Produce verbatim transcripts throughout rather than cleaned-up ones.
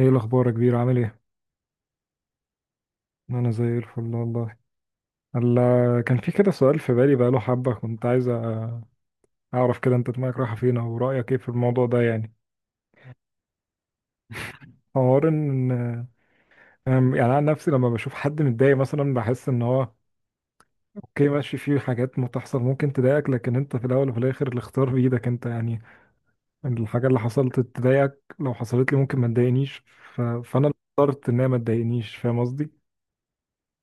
ايه الاخبار يا كبير؟ عامل ايه؟ انا زي الفل والله. هلا، كان في كده سؤال في بالي بقاله حبه، كنت عايز اعرف كده انت دماغك رايحه فين او رايك ايه في الموضوع ده يعني. حوار ان أم- يعني انا عن نفسي لما بشوف حد متضايق مثلا بحس ان هو اوكي ماشي، فيه حاجات متحصل ممكن تضايقك، لكن انت في الاول وفي الاخر الاختيار بايدك انت يعني. الحاجه اللي حصلت تضايقك لو حصلت لي ممكن ما تضايقنيش. ف... فانا اللي اخترت ان هي ما تضايقنيش، فاهم قصدي؟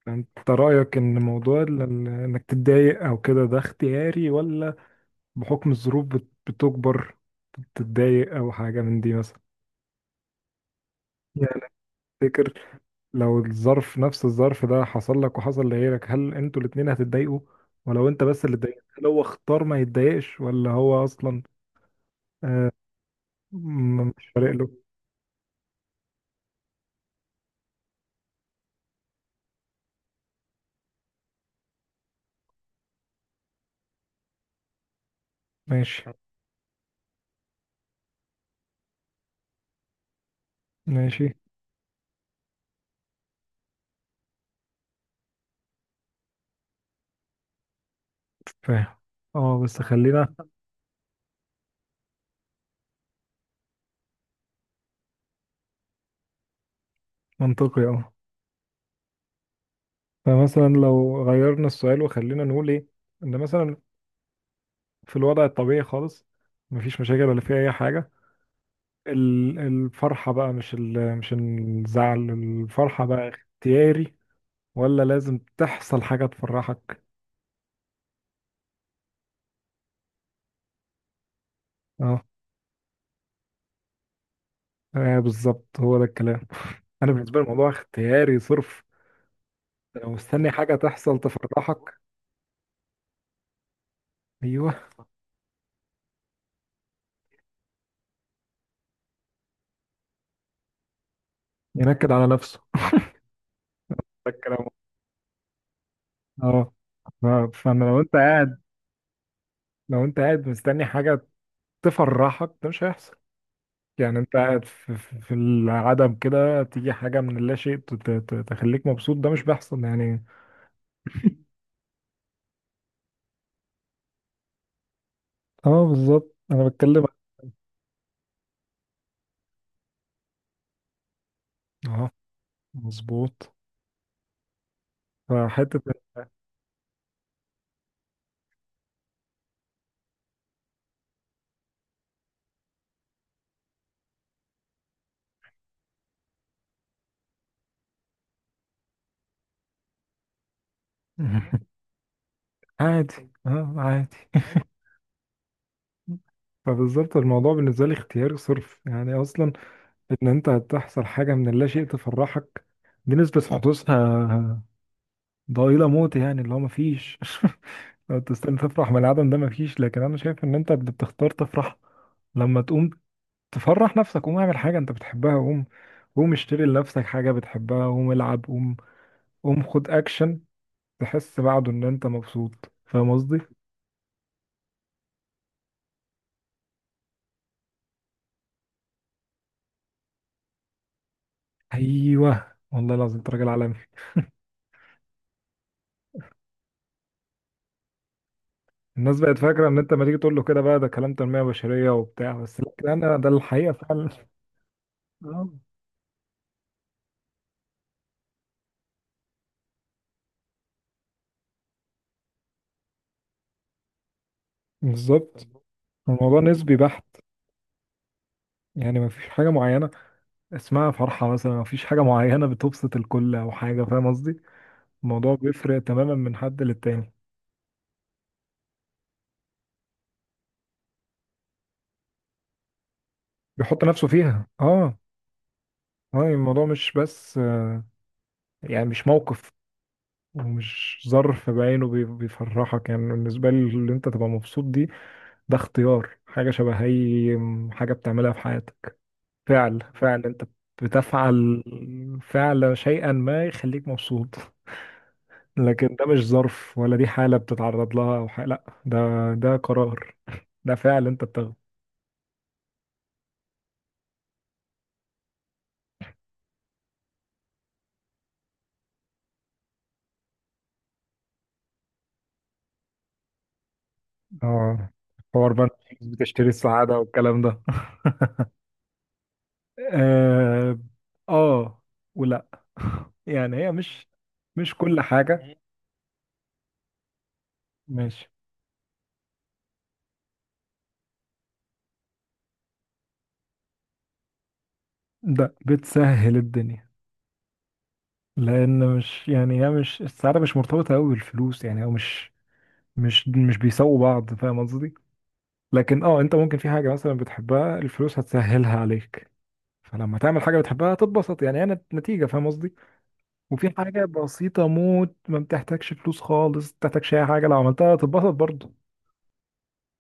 انت رأيك ان موضوع ال- ال- انك تتضايق او كده ده اختياري، ولا بحكم الظروف بت- بتجبر تتضايق او حاجة من دي مثلا؟ يعني تفتكر لو الظرف نفس الظرف ده حصل لك وحصل لغيرك هل انتوا الاتنين هتتضايقوا؟ ولو انت بس اللي اتضايقت هل هو اختار ما يتضايقش ولا هو اصلا م- مش فارق له؟ ماشي. ماشي. فاهم. اه بس خلينا. منطقي اه. فمثلا لو غيرنا السؤال وخلينا نقول ايه ان مثلا في الوضع الطبيعي خالص، مفيش مشاكل ولا في اي حاجه، ال- الفرحه بقى، مش ال- مش الزعل، الفرحه بقى اختياري ولا لازم تحصل حاجه تفرحك؟ اه. آه، بالظبط، هو ده الكلام. انا بالنسبه لي الموضوع اختياري صرف. أنت لو مستني حاجه تحصل تفرحك، ايوه، ينكد على نفسه. ده الكلام. اه. ف- فانا لو انت قاعد، لو انت قاعد مستني حاجه تفرحك ده مش هيحصل. يعني انت قاعد في, في في العدم كده تيجي حاجة من اللا شيء ت- ت- ت- تخليك مبسوط، ده مش بيحصل يعني. اه بالظبط، انا بتكلم. اه، مظبوط. فحتة. عادي. اه عادي. فبالظبط الموضوع بالنسبة لي اختياري صرف يعني. أصلا إن أنت هتحصل حاجة من اللا شيء تفرحك، دي نسبة حدوثها ضئيلة موت، يعني اللي هو مفيش. لو تستنى تفرح من العدم ده مفيش، لكن أنا شايف إن أنت بتختار تفرح. لما تقوم تفرح نفسك، قوم اعمل حاجة انت بتحبها، قوم قوم اشتري لنفسك حاجة بتحبها، قوم العب، قوم قوم خد اكشن، تحس بعده ان انت مبسوط، فاهم قصدي؟ ايوه والله العظيم، انت راجل عالمي. الناس بقت فاكرة ان انت ما تيجي تقول له كده بقى ده كلام تنمية بشرية وبتاع، بس لا، انا ده الحقيقة فعلا. آه، بالظبط. الموضوع نسبي بحت، يعني ما فيش حاجة معينة اسمها فرحة مثلا، ما فيش حاجة معينة بتبسط الكل او حاجة، فاهم قصدي؟ الموضوع بيفرق تماما من حد للتاني. بيحط نفسه فيها اه. اه الموضوع مش بس يعني مش موقف ومش ظرف بعينه بي- بيفرحك. يعني بالنسبة لي اللي انت تبقى مبسوط دي، ده اختيار، حاجة شبه اي حاجة بتعملها في حياتك، فعل، فعل انت بتفعل، فعل شيئا ما يخليك مبسوط. لكن ده مش ظرف ولا دي حالة بتتعرض لها او حاجة، لا ده، ده قرار، ده فعل انت بتاخده. اه، حوار بقى، بتشتري السعادة والكلام ده. اه ولا. يعني هي مش، مش كل حاجة. ماشي. ده بتسهل الدنيا، لأن مش يعني هي مش، السعادة مش مرتبطة أوي بالفلوس، يعني هو مش، مش مش بيساووا بعض، فاهم قصدي؟ لكن اه، انت ممكن في حاجة مثلا بتحبها الفلوس هتسهلها عليك، فلما تعمل حاجة بتحبها هتتبسط، يعني هي نت- نتيجة، فاهم قصدي؟ وفي حاجة بسيطة موت ما بتحتاجش فلوس خالص، ما بتحتاجش أي حاجة، لو عملتها هتتبسط برضه.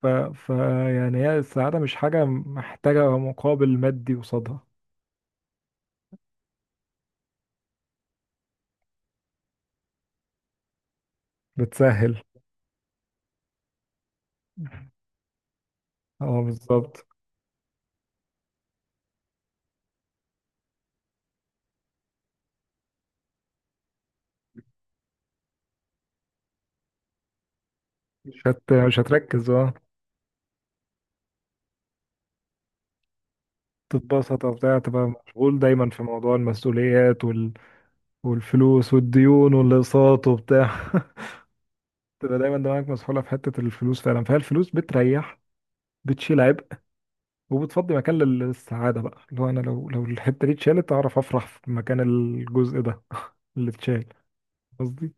ف... ف يعني هي السعادة مش حاجة محتاجة مقابل مادي قصادها. بتسهل، اه بالظبط. مش هت... مش هتركز، اه تتبسط وبتاع، تبقى مشغول دايما في موضوع المسؤوليات وال... والفلوس والديون والأقساط وبتاع. تبقى دايما دماغك مسحولة في حتة الفلوس فعلا، فهي الفلوس بتريح، بتشيل عبء، وبتفضي مكان لل- للسعادة بقى. لو أنا، لو لو الحتة دي اتشالت أعرف أفرح في مكان الجزء ده اللي اتشال، قصدي.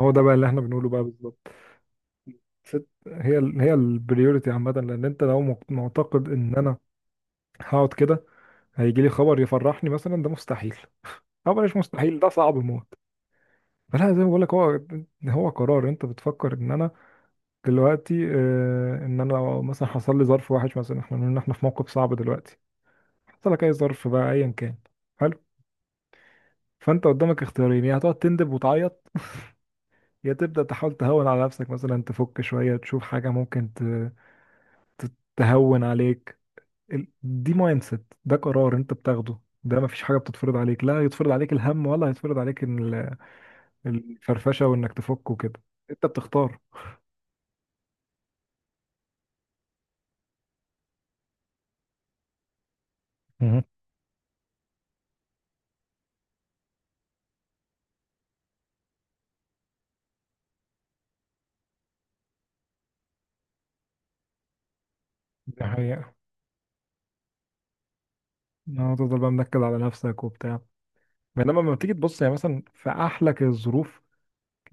هو ده بقى اللي احنا بنقوله بقى بالظبط. ست هي ال... هي البريوريتي عامة، لأن أنت لو مق- معتقد إن أنا هقعد كده هيجي لي خبر يفرحني مثلا ده مستحيل، أو بلاش مستحيل، ده صعب موت. فلا زي ما بقول لك، هو هو قرار، أنت بتفكر إن أنا دلوقتي آه، إن أنا لو مثلا حصل لي ظرف وحش مثلا، إحنا بنقول إن إحنا في موقف صعب دلوقتي، حصل لك أي ظرف بقى أيا كان، حلو، فأنت قدامك اختيارين، يا هتقعد تندب وتعيط، يا تبدأ تحاول تهون على نفسك، مثلا تفك شوية، تشوف حاجة ممكن ت... ت- تهون عليك. ال- دي مايند سيت، ده قرار انت بتاخده، ده مفيش حاجه بتتفرض عليك، لا يتفرض عليك الهم ولا هيتفرض عليك إن ال- الفرفشه وانك تفك وكده، انت بتختار. مهم. دي حقيقة. اه تفضل بقى منكد على نفسك وبتاع. بينما لما بتيجي تبص يعني مثلا في احلك الظروف،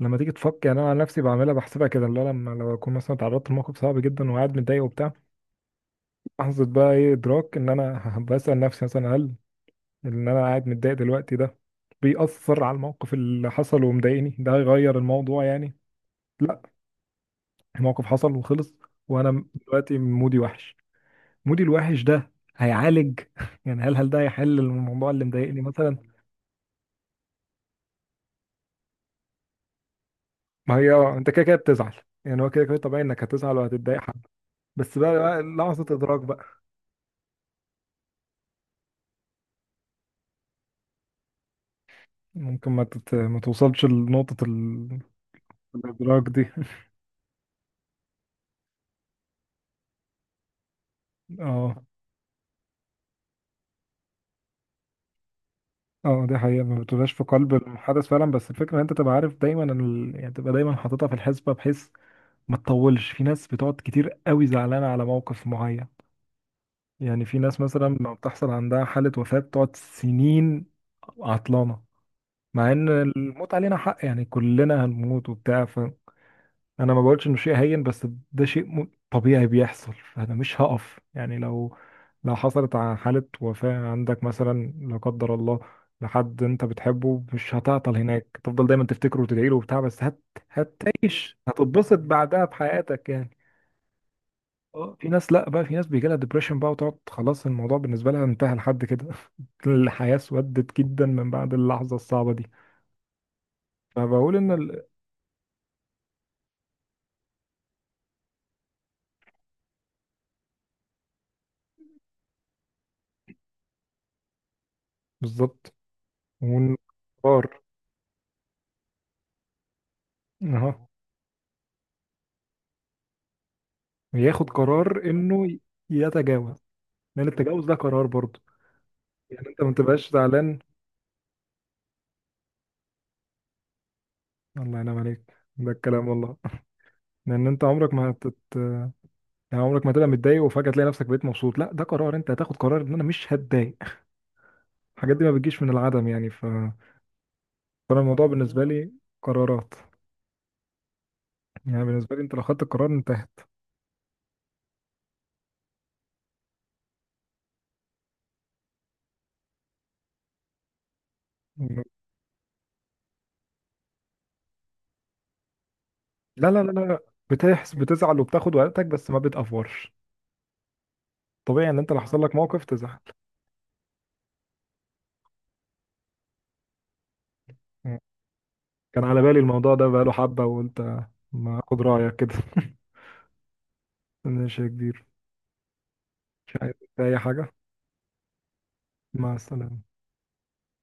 لما تيجي تفك، يعني انا عن نفسي بعملها بحسبها كده، اللي هو لما لو اكون مثلا اتعرضت لموقف صعب جدا وقاعد متضايق وبتاع، لحظه بقى ايه ادراك ان انا بسال نفسي مثلا، هل ان انا قاعد متضايق دلوقتي ده بيأثر على الموقف اللي حصل ومضايقني؟ ده هيغير الموضوع يعني؟ لا، الموقف حصل وخلص، وانا دلوقتي مودي وحش، مودي الوحش ده هيعالج؟ يعني هل هل ده هيحل الموضوع اللي مضايقني مثلا؟ ما هي آه، انت كده كده بتزعل، يعني هو كده كده طبيعي انك هتزعل وهتتضايق حب، بس بقى، بقى لحظة ادراك بقى. ممكن ما تت... ما توصلش لنقطة ال... الادراك دي. اه اه دي حقيقة، ما بتبقاش في قلب الحدث فعلا، بس الفكرة ان انت تبقى عارف دايما ال... يعني تبقى دايما حاططها في الحسبة، بحيث ما تطولش. في ناس بتقعد كتير قوي زعلانة على موقف معين، يعني في ناس مثلا لما بتحصل عندها حالة وفاة بتقعد سنين عطلانة، مع ان الموت علينا حق، يعني كلنا هنموت وبتاع. انا ما بقولش انه شيء هين، بس ده شيء م- طبيعي بيحصل، فانا مش هقف يعني. لو لو حصلت ع- حالة وفاة عندك مثلا، لا قدر الله، لحد انت بتحبه، مش هتعطل هناك، تفضل دايما تفتكره وتدعي له وبتاع، بس هت هتعيش، هتتبسط بعدها بحياتك يعني. اه في ناس لا بقى، في ناس بيجي لها ديبريشن بقى وتقعد خلاص، الموضوع بالنسبة لها انتهى لحد كده. الحياة اسودت جدا من بعد اللحظة الصعبة دي. فبقول ان ال... بالظبط. والقرار. اهو، ياخد قرار انه ي- يتجاوز، لان التجاوز ده قرار برضه. يعني انت ما تبقاش زعلان، الله ينعم عليك ده الكلام والله. لان انت عمرك ما هتت... يعني عمرك ما تبقى متضايق وفجأة تلاقي نفسك بقيت مبسوط، لا ده قرار، انت هتاخد قرار ان انا مش هتضايق، الحاجات دي ما بتجيش من العدم يعني. ف... فانا الموضوع بالنسبة لي قرارات. يعني بالنسبة لي انت لو خدت القرار انتهت. لا لا لا لا، بتحس بتزعل وبتاخد وقتك، بس ما بتأفورش، طبيعي ان انت لو حصل لك موقف تزعل. كان على بالي الموضوع ده بقاله حبة وقلت ما اخد رأيك كده. ماشي يا كبير. مش عايز أي حاجة. مع السلامة.